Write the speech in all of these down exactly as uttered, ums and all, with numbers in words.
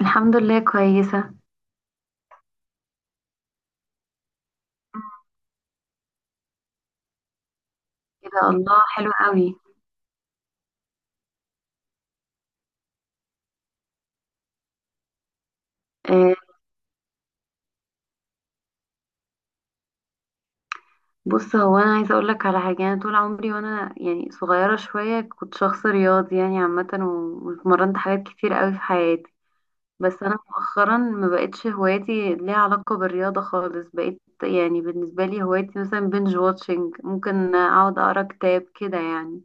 الحمد لله كويسة. ايه ده الله حلو قوي. آه، بص هو انا عايزة اقول لك على حاجة، انا طول عمري وانا يعني صغيرة شوية كنت شخص رياضي يعني عامة، و- واتمرنت حاجات كتير قوي في حياتي. بس انا مؤخرا ما بقتش هواياتي ليها علاقة بالرياضة خالص، بقيت يعني بالنسبة لي هوايتي مثلا بنج واتشنج، ممكن اقعد اقرا كتاب كده يعني.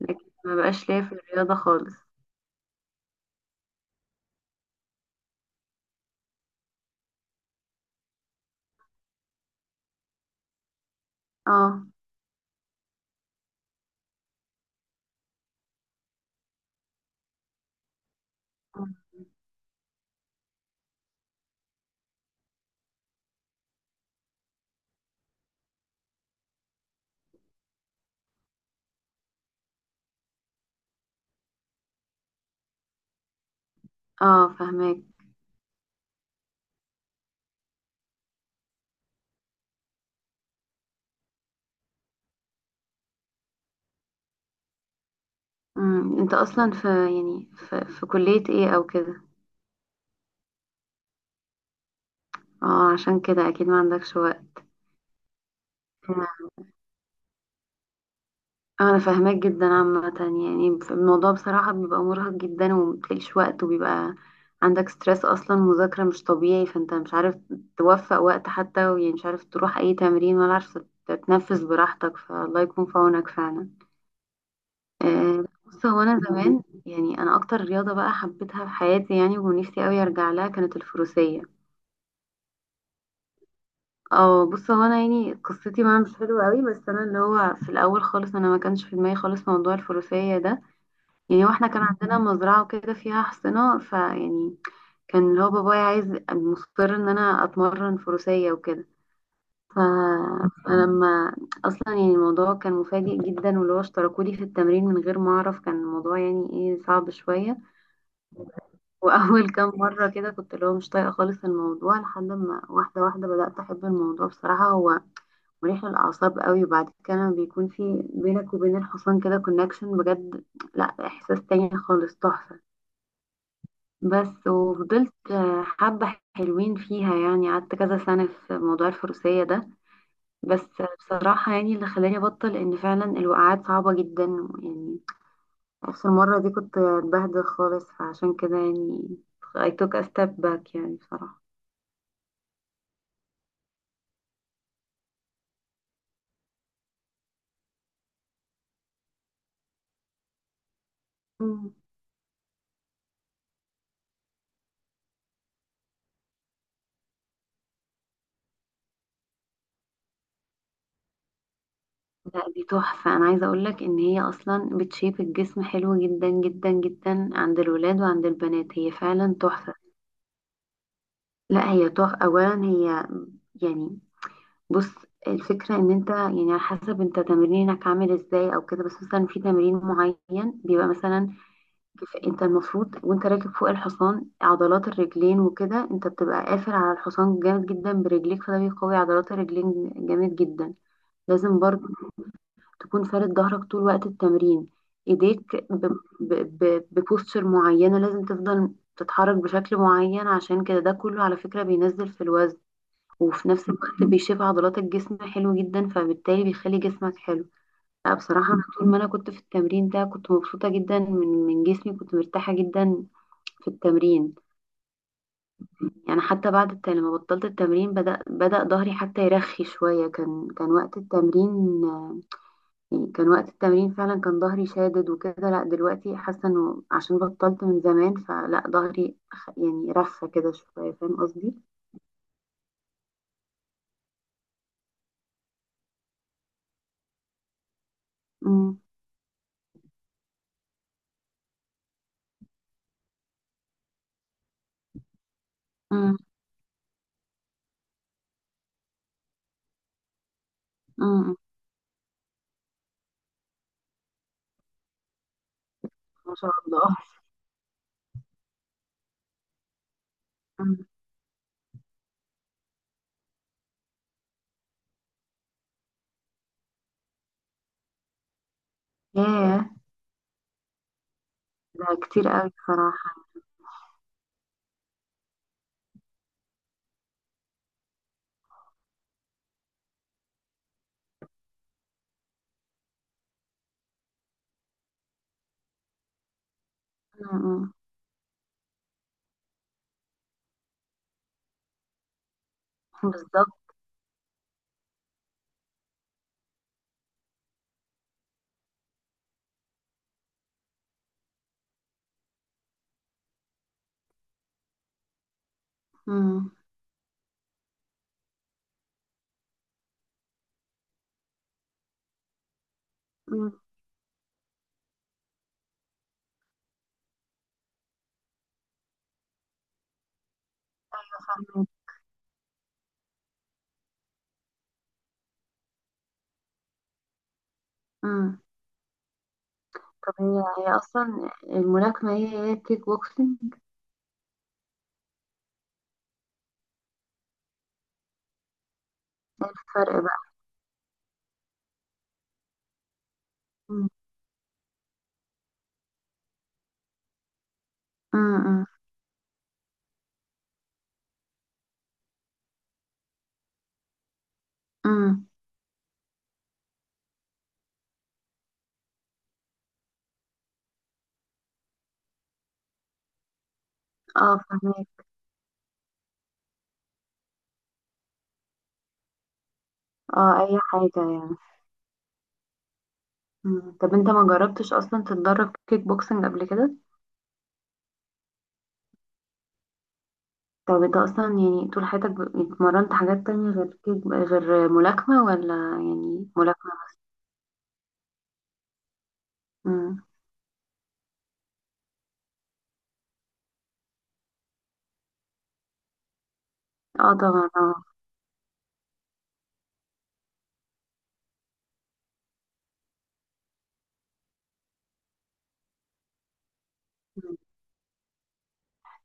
لكن ما بقاش ليا في الرياضة خالص. اه، اه، فهمك. مم، انت اصلا في يعني في, في كلية ايه او كده؟ اه، عشان كده اكيد ما عندكش وقت. انا فاهماك جدا عامة، يعني الموضوع بصراحة بيبقى مرهق جدا ومبتلاقيش وقت، وبيبقى عندك ستريس، اصلا مذاكرة مش طبيعي، فانت مش عارف توفق وقت حتى، يعني مش عارف تروح اي تمرين ولا عارف تتنفس براحتك، فالله يكون في عونك فعلا. آه، بص هو انا زمان يعني انا اكتر رياضة بقى حبيتها في حياتي يعني ونفسي اوي ارجع لها كانت الفروسية. اه، بص هو انا يعني قصتي معاه مش حلوه قوي، بس انا اللي هو في الاول خالص انا ما كانش في دماغي خالص موضوع الفروسيه ده. يعني هو احنا كان عندنا مزرعه وكده فيها حصنه فيعني كان اللي هو بابايا عايز مصر ان انا اتمرن فروسيه وكده. ف... فلما اصلا يعني الموضوع كان مفاجئ جدا واللي هو اشتركولي في التمرين من غير ما اعرف، كان الموضوع يعني ايه صعب شويه. واول كام مره كده كنت اللي هو مش طايقه خالص الموضوع، لحد ما واحده واحده بدات احب الموضوع. بصراحه هو مريح للأعصاب قوي، وبعد كده لما بيكون في بينك وبين الحصان كده كونكشن بجد، لا إحساس تاني خالص تحفة. بس وفضلت آه، حبة حلوين فيها، يعني قعدت كذا سنة في موضوع الفروسية ده. بس بصراحة يعني اللي خلاني أبطل إن فعلا الوقعات صعبة جدا، يعني آخر مرة دي كنت اتبهدل خالص فعشان كده يعني I took a step back يعني بصراحة. لا دي تحفة، أنا عايزة أقولك إن هي أصلا بتشيب الجسم حلو جدا جدا جدا عند الولاد وعند البنات، هي فعلا تحفة. لا هي تحفة أولا، هي يعني بص الفكرة إن أنت يعني على حسب أنت تمرينك عامل إزاي أو كده، بس مثلا في تمرين معين بيبقى مثلا كف- أنت المفروض وأنت راكب فوق الحصان عضلات الرجلين وكده أنت بتبقى قافل على الحصان جامد جدا برجليك، فده بيقوي عضلات الرجلين جامد جدا. لازم برضو تكون فارد ظهرك طول وقت التمرين، ايديك ب... ب... ب... ببوستشر معينة لازم تفضل تتحرك بشكل معين، عشان كده ده كله على فكرة بينزل في الوزن، وفي نفس الوقت بيشيب عضلات الجسم حلو جدا فبالتالي بيخلي جسمك حلو. لا بصراحة، أنا طول ما أنا كنت في التمرين ده كنت مبسوطة جدا من من جسمي كنت مرتاحة جدا في التمرين. يعني حتى بعد الت- لما بطلت التمرين بدأ بدأ ظهري حتى يرخي شوية، كان كان وقت التمرين يعني كان وقت التمرين فعلا كان ظهري شادد وكده. لا دلوقتي حاسة انه عشان بطلت من زمان فلا ظهري خ- يعني رفة كده شوية، فاهم قصدي؟ أمم، أمم، أمم. ما شاء الله. أمم. ياه، ده كتير قوي بصراحة. أمم، أمم. بالظبط. أمم، أمم، فاهمة. أمم. طب هي هي أصلا الملاكمة هي هي الكيك بوكسينج؟ ايه الفرق بقى؟ أمم، أمم، أمم. اه، فاهمك. اه، أي حاجة يعني. مم. طب انت ما جربتش اصلا تتدرب كيك بوكسنج قبل كده؟ طب انت اصلا يعني طول حياتك ب- اتمرنت حاجات تانية غير كيك، غير ملاكمة، ولا يعني ملاكمة؟ مم. اه طبعا اه. مم.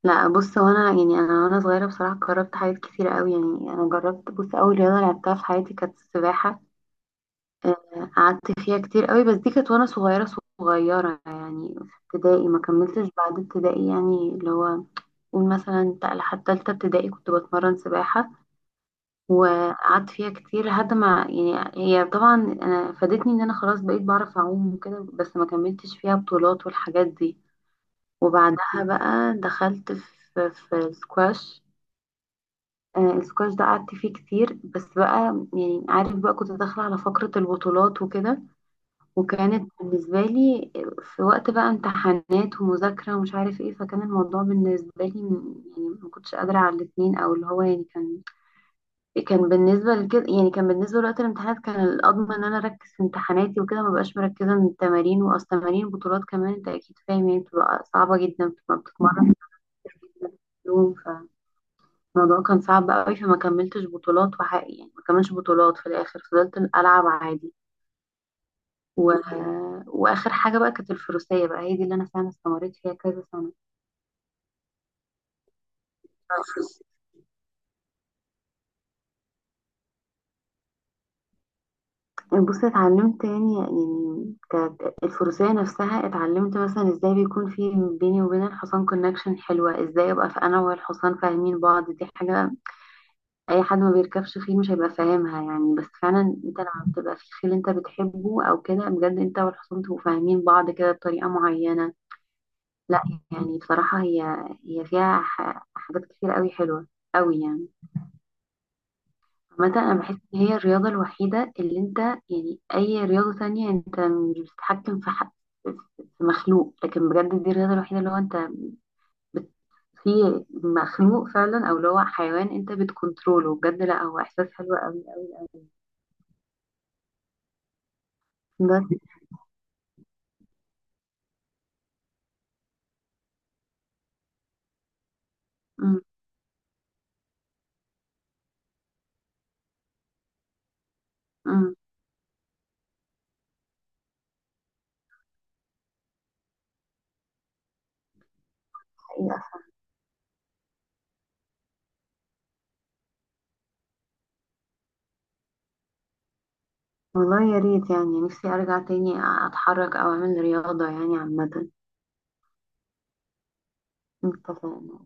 لا بص هو انا يعني انا وانا صغيرة بصراحة جربت حاجات كتير قوي، يعني انا جربت بص اول رياضة لعبتها في حياتي كانت السباحة. آه، قعدت فيها كتير قوي، بس دي كانت وانا صغيرة صغيرة يعني. في ابتدائي ما كملتش بعد ابتدائي يعني اللي هو قول مثلا لحد تالتة ابتدائي كنت بتمرن سباحة. وقعدت فيها كتير لحد ما يعني هي طبعا انا فادتني ان انا خلاص بقيت بعرف اعوم وكده، بس ما كملتش فيها بطولات والحاجات دي. وبعدها بقى دخلت في في السكواش. آه، السكواش ده قعدت فيه كتير، بس بقى يعني عارف بقى كنت داخلة على فقرة البطولات وكده. وكانت بالنسبة لي في وقت بقى امتحانات ومذاكرة ومش عارف ايه، فكان الموضوع بالنسبة لي م- يعني ما كنتش قادرة على الاتنين، او اللي هو يعني كان كان بالنسبة لكده يعني كان بالنسبة لوقت الامتحانات كان الأضمن إن أنا أركز في امتحاناتي وكده، مبقاش مركزة من التمارين. وأصل تمارين بطولات كمان أنت أكيد فاهم يعني بتبقى صعبة جدا بتبقى بتتمرن يوم. فالموضوع كان صعب قوي فما كملتش بطولات وحقي يعني ما كملتش بطولات في الآخر، فضلت ألعب عادي. و... وآخر حاجة بقى كانت الفروسية بقى هي دي اللي أنا فعلا استمريت فيها كذا سنة. بصي اتعلمت يعني يعني كانت الفروسية نفسها اتعلمت مثلا ازاي بيكون في بيني وبين الحصان كونكشن حلوة، ازاي ابقى في انا والحصان فاهمين بعض، دي حاجة اي حد ما بيركبش خيل مش هيبقى فاهمها يعني. بس فعلا انت لما بتبقى في خيل انت بتحبه او كده بجد انت والحصان تبقوا فاهمين بعض كده بطريقة معينة. لا يعني بصراحة هي هي فيها ح- حاجات كتير قوي حلوة قوي يعني. عامة أنا بحس إن هي الرياضة الوحيدة اللي أنت، يعني أي رياضة تانية أنت مش بتتحكم في حق في مخلوق، لكن بجد دي الرياضة الوحيدة اللي هو أنت بت... في مخلوق فعلا أو اللي هو حيوان أنت بتكنتروله بجد. لأ هو إحساس حلو أوي أوي أوي. بس. أمم، أمم، حقيقة. والله يا ريت يعني نفسي أرجع تاني أتحرك أو أعمل رياضة يعني عامة. اتفقنا.